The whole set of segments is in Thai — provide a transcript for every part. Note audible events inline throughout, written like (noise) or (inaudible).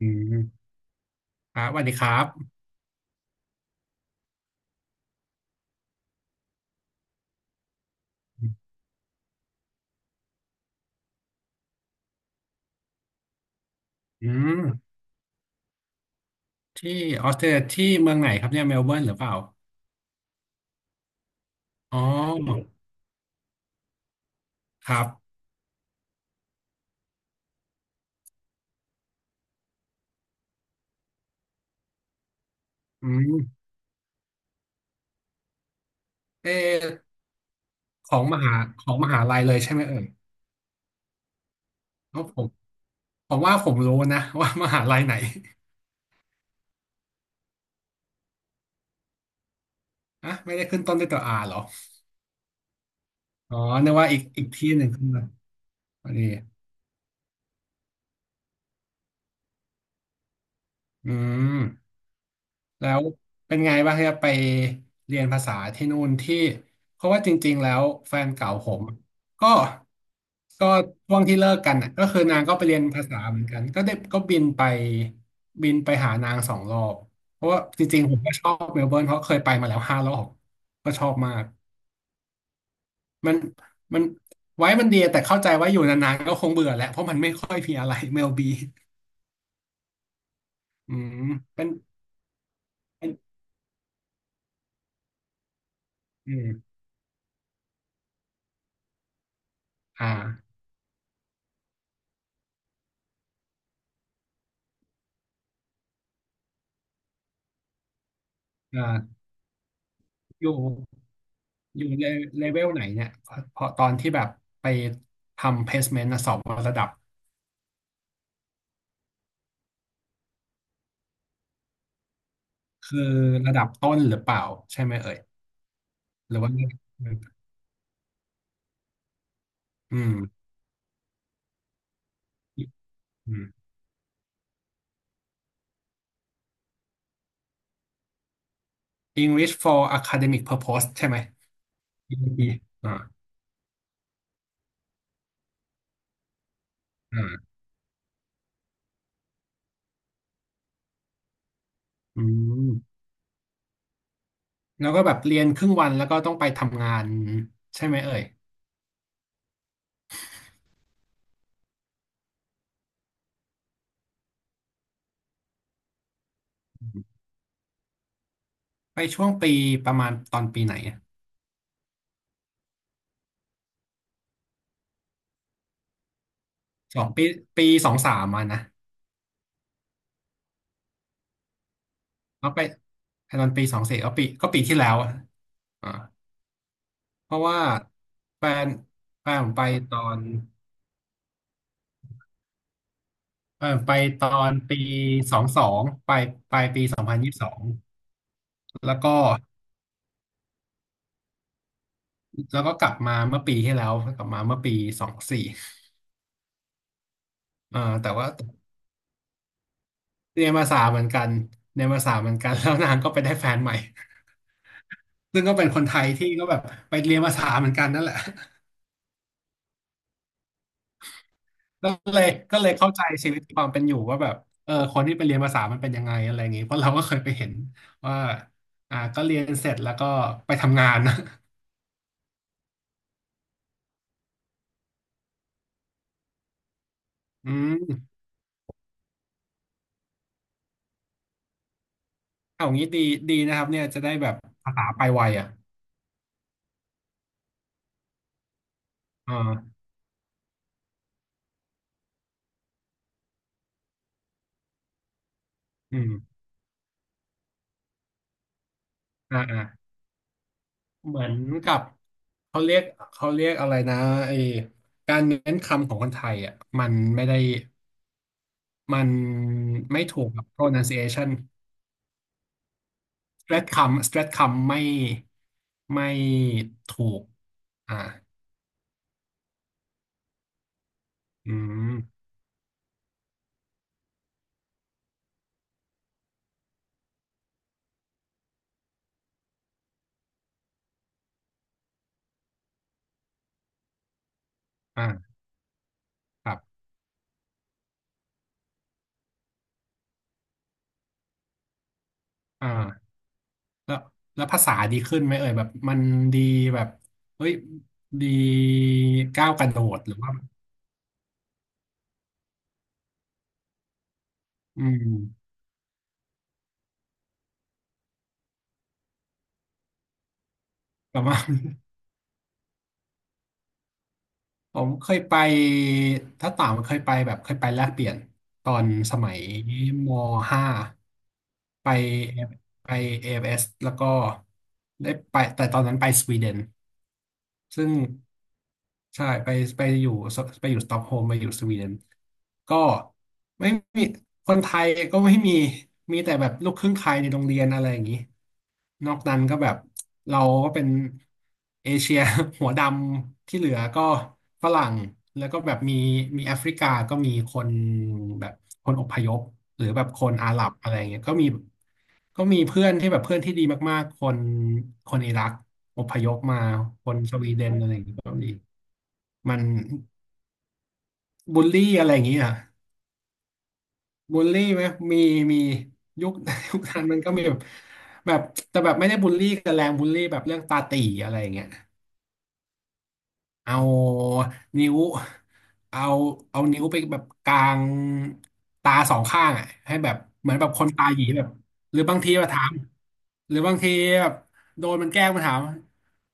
อืมครับสวัสดีครับอืมที่ออสเตรเลียที่เมืองไหนครับเนี่ยเมลเบิร์นหรือเปล่าอ๋อครับอืมเออของมหาของมหาลัยเลยใช่ไหมเอ่ยเพราะผมว่าผมรู้นะ (laughs) ว่ามหาลัยไหนอ่ะไม่ได้ขึ้นต้นด้วยตัวอาเหรออ๋อนึกว่าอีกที่หนึ่งขึ้นมาพอดีอืม แล้วเป็นไงบ้างครับไปเรียนภาษาที่นู่นที่เพราะว่าจริงๆแล้วแฟนเก่าผมก็ก็ช่วงที่เลิกกันน่ะก็คือนางก็ไปเรียนภาษาเหมือนกันก็ได้ก็บินไปหานางสองรอบเพราะว่าจริงๆผมก็ชอบเมลเบิร์นเพราะเคยไปมาแล้วห้ารอบก็ชอบมากมันมันไว้มันดีแต่เข้าใจว่าอยู่นานๆก็คงเบื่อแหละเพราะมันไม่ค่อยมีอะไรเมลบีอืมเป็นเป็นอืมอ่าอ่าอยู่ อยู่เลเวลไหนเนี่ยพอตอนที่แบบไปทำ placement นะสอบว่าระดับคือระดับต้นหรือเปล่าใช่ไหมเอ่ยหรือว่ามอืม English for academic purpose ใช่ไหม EAP อ่าอ่าอืมแล้วก็แบบเรียนครึ่งวันแล้วก็ต้องไปทำงานใช่ไหมเอ่ยอืมไปช่วงปีประมาณตอนปีไหนอะสองปีปีสองสามมานะแล้วไปตอนปีสองสี่ก็ปีที่แล้วอะอ่า เพราะว่าแฟนแฟนผมไปตอนแฟนผมไปตอนปีสองสองปลายปีสองพันยี่สิบสองแล้วก็แล้วก็กลับมาเมื่อปีที่แล้วกลับมาเมื่อปีสองสี่เออแต่ว่าเรียนภาษาเหมือนกันเรียนภาษาเหมือนกันแล้วนางก็ไปได้แฟนใหม่ซึ่งก็เป็นคนไทยที่ก็แบบไปเรียนภาษาเหมือนกันนั่นแหละ ก็เลยก็เลยเข้าใจชีวิตความเป็นอยู่ว่าแบบเออคนที่ไปเรียนภาษามันเป็นยังไงอะไรอย่างงี้เพราะเราก็เคยไปเห็นว่าอ่าก็เรียนเสร็จแล้วก็ไปทำงาน (laughs) อืมเอางี้ดีดีนะครับเนี่ยจะได้แบบภาษาไปไวอ่ะอ่าอืมอ่าอ่าเหมือนกับเขาเรียกเขาเรียกอะไรนะไอการเน้นคำของคนไทยอ่ะมันไม่ได้มันไม่ถูกกับ pronunciation สเตรทคำสเตรทคำไม่ถูกอ่าอืมอ่าครับอ่าแล้วแล้วภาษาดีขึ้นไหมเอ่ยแบบมันดีแบบเฮ้ยดีก้าวกระโดดหรือว่าอืมแบบว่า (laughs) ผมเคยไปถ้าต่างมันเคยไปแบบเคยไปแลกเปลี่ยนตอนสมัยมห้าไปไปเอเอฟเอสแล้วก็ได้ไปแต่ตอนนั้นไปสวีเดน ซึ่งใช่ไปไปอยู่สต็อกโฮล์มไปอยู่สวีเดนก็ไม่มีคนไทยก็ไม่มีมีแต่แบบลูกครึ่งไทยในโรงเรียนอะไรอย่างนี้นอกนั้นก็แบบเราก็เป็นเอเชีย (laughs) หัวดำที่เหลือก็ฝรั่งแล้วก็แบบมีแอฟริกาก็มีคนแบบคนอพยพหรือแบบคนอาหรับอะไรเงี้ยก็มี ก็มีเพื่อนที่แบบเพื่อนที่ดีมากๆ คนอิรักอพยพมาคนสวีเดนอะไรอย่างเงี้ยก็มีมันบูลลี่อะไรอย่างเงี้ยบูลลี่ไหมมีมียุค (laughs) ยุคนั้นมันก็มีแบบแบบแต่แบบไม่ได้บูลลี่กันแรงบูลลี่แบบเรื่องตาตี่อะไรอย่างเงี้ย เอานิ้วเอาเอานิ้วไปแบบกลางตาสองข้างอ่ะให้แบบเหมือนแบบคนตาหยีแบบหรือบางทีมาถามหรือบางทีแบบโดนมันแกล้งมาถาม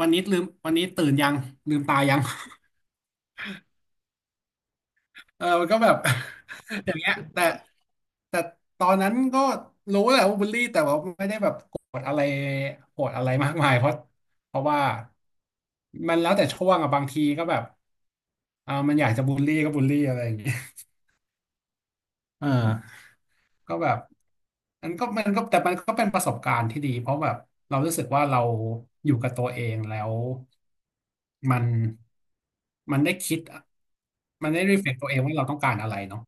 วันนี้ลืมวันนี้ตื่นยังลืมตายัง (laughs) เออมันก็แบบ (laughs) อย่างเงี้ยแต่แต่ตอนนั้นก็รู้แหละว่าบูลลี่แต่ว่าไม่ได้แบบโกรธอะไรมากมายเพราะว่ามันแล้วแต่ช่วงอะบางทีก็แบบเออมันอยากจะบูลลี่ก็บูลลี่อะไรอย่างเงี้ย เออก็แบบมันก็มันก็แต่มันก็เป็นประสบการณ์ที่ดีเพราะแบบเรารู้สึกว่าเราอยู่กับตัวเองแล้วมันมันได้คิดมันได้รีเฟล็กตัวเองว่าเราต้องการอะไรเนาะ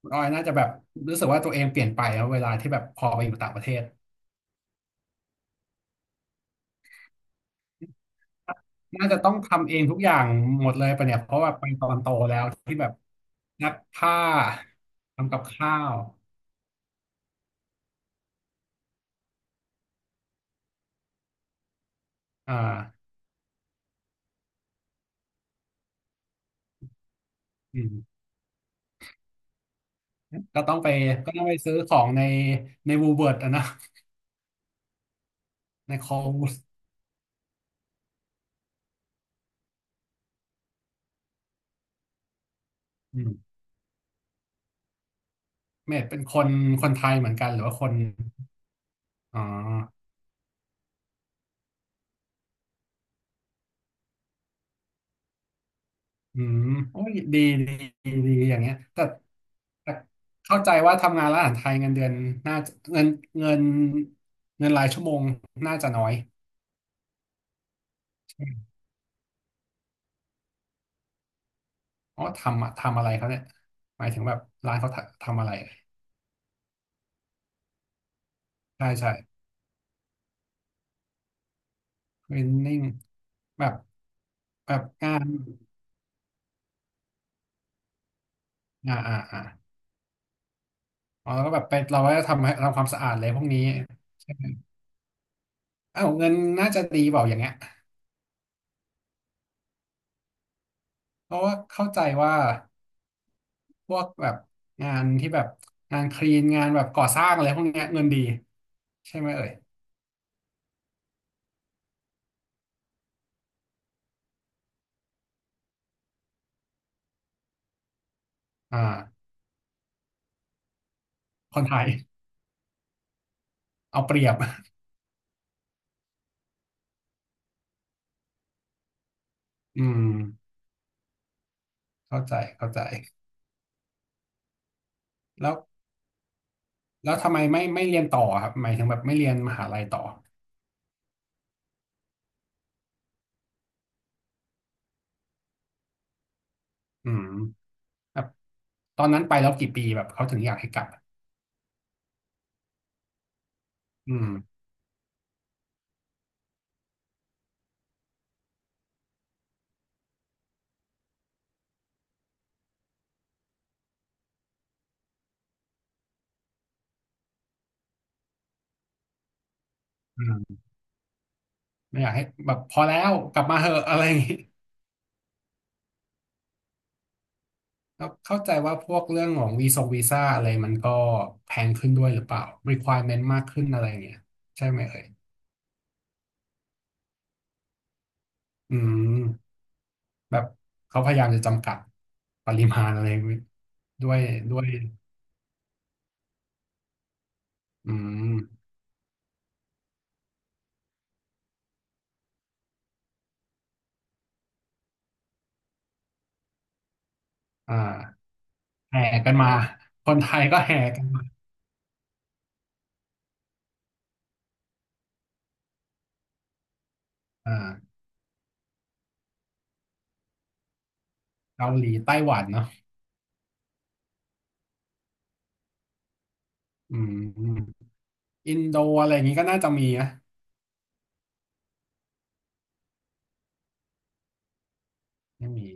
คุณออยน่าจะแบบรู้สึกว่าตัวเองเปลี่ยนไปแล้วเวลาที่แบบพอไปอยู่ต่างประเทศน่าจะต้องทำเองทุกอย่างหมดเลยปะเนี่ยเพราะว่าไปตอนโตแล้วที่แบบนักผ้าทำกับข้าวอ่าอืมก็ต้องไปก็ต้องไปซื้อของในในวูเวิร์ดอะนะ ในเขาอืมเมดเป็นคนไทยเหมือนกันหรือว่าคนอ๋ออืมโอ้ยดีดีดีดีอย่างเงี้ยแต่แต่เข้าใจว่าทำงานร้านอาหารไทยเงินเดือนน่าจะเงินเงินรายชั่วโมงน่าจะน้อยใช่ไหมอ๋อทำอะไรเขาเนี่ยหมายถึงแบบร้านเขาทำอะไรใช่ใช่เทรนนิ่งแบบแบบงานอ่าอ่าอ่าอ๋อแล้วก็แบบไปเราก็จะทำให้ทำความสะอาดเลยพวกนี้ใช่ไหมอ้าวเงินน่าจะดีเปล่าอย่างเงี้ย เพราะว่าเข้าใจว่าพวกแบบงานที่แบบงานคลีนงานแบบก่อสร้างอะไรพวกเนี้ยเงินดีใช่ไหมเอ่ยอ่าคนไทยเอาเปรียบ (laughs) อืมเข้าใจเข้าใจแล้วแล้วทำไมไม่เรียนต่อครับหมายถึงแบบไม่เรียนมหาลัยต่ออืมแบบตอนนั้นไปแล้วกี่ปีแบบเขาถึงอยากให้กลับอืมอืมไม่อยากให้แบบพอแล้วกลับมาเหอะอะไรอย่างงี้ แล้วเข้าใจว่าพวกเรื่องของวีซงวีซ่าอะไรมันก็แพงขึ้นด้วยหรือเปล่า requirement มากขึ้นอะไรอย่างเงี้ยใช่ไหมเอ่ยอืมแบบเขาพยายามจะจำกัดปริมาณอะไรด้วยด้วยอืมอ่าแห่กันมาคนไทยก็แห่กันมาอ่าเกาหลีไต้หวันเนาะอืมอินโดอะไรอย่างงี้ก็น่าจะมีนะไม่มี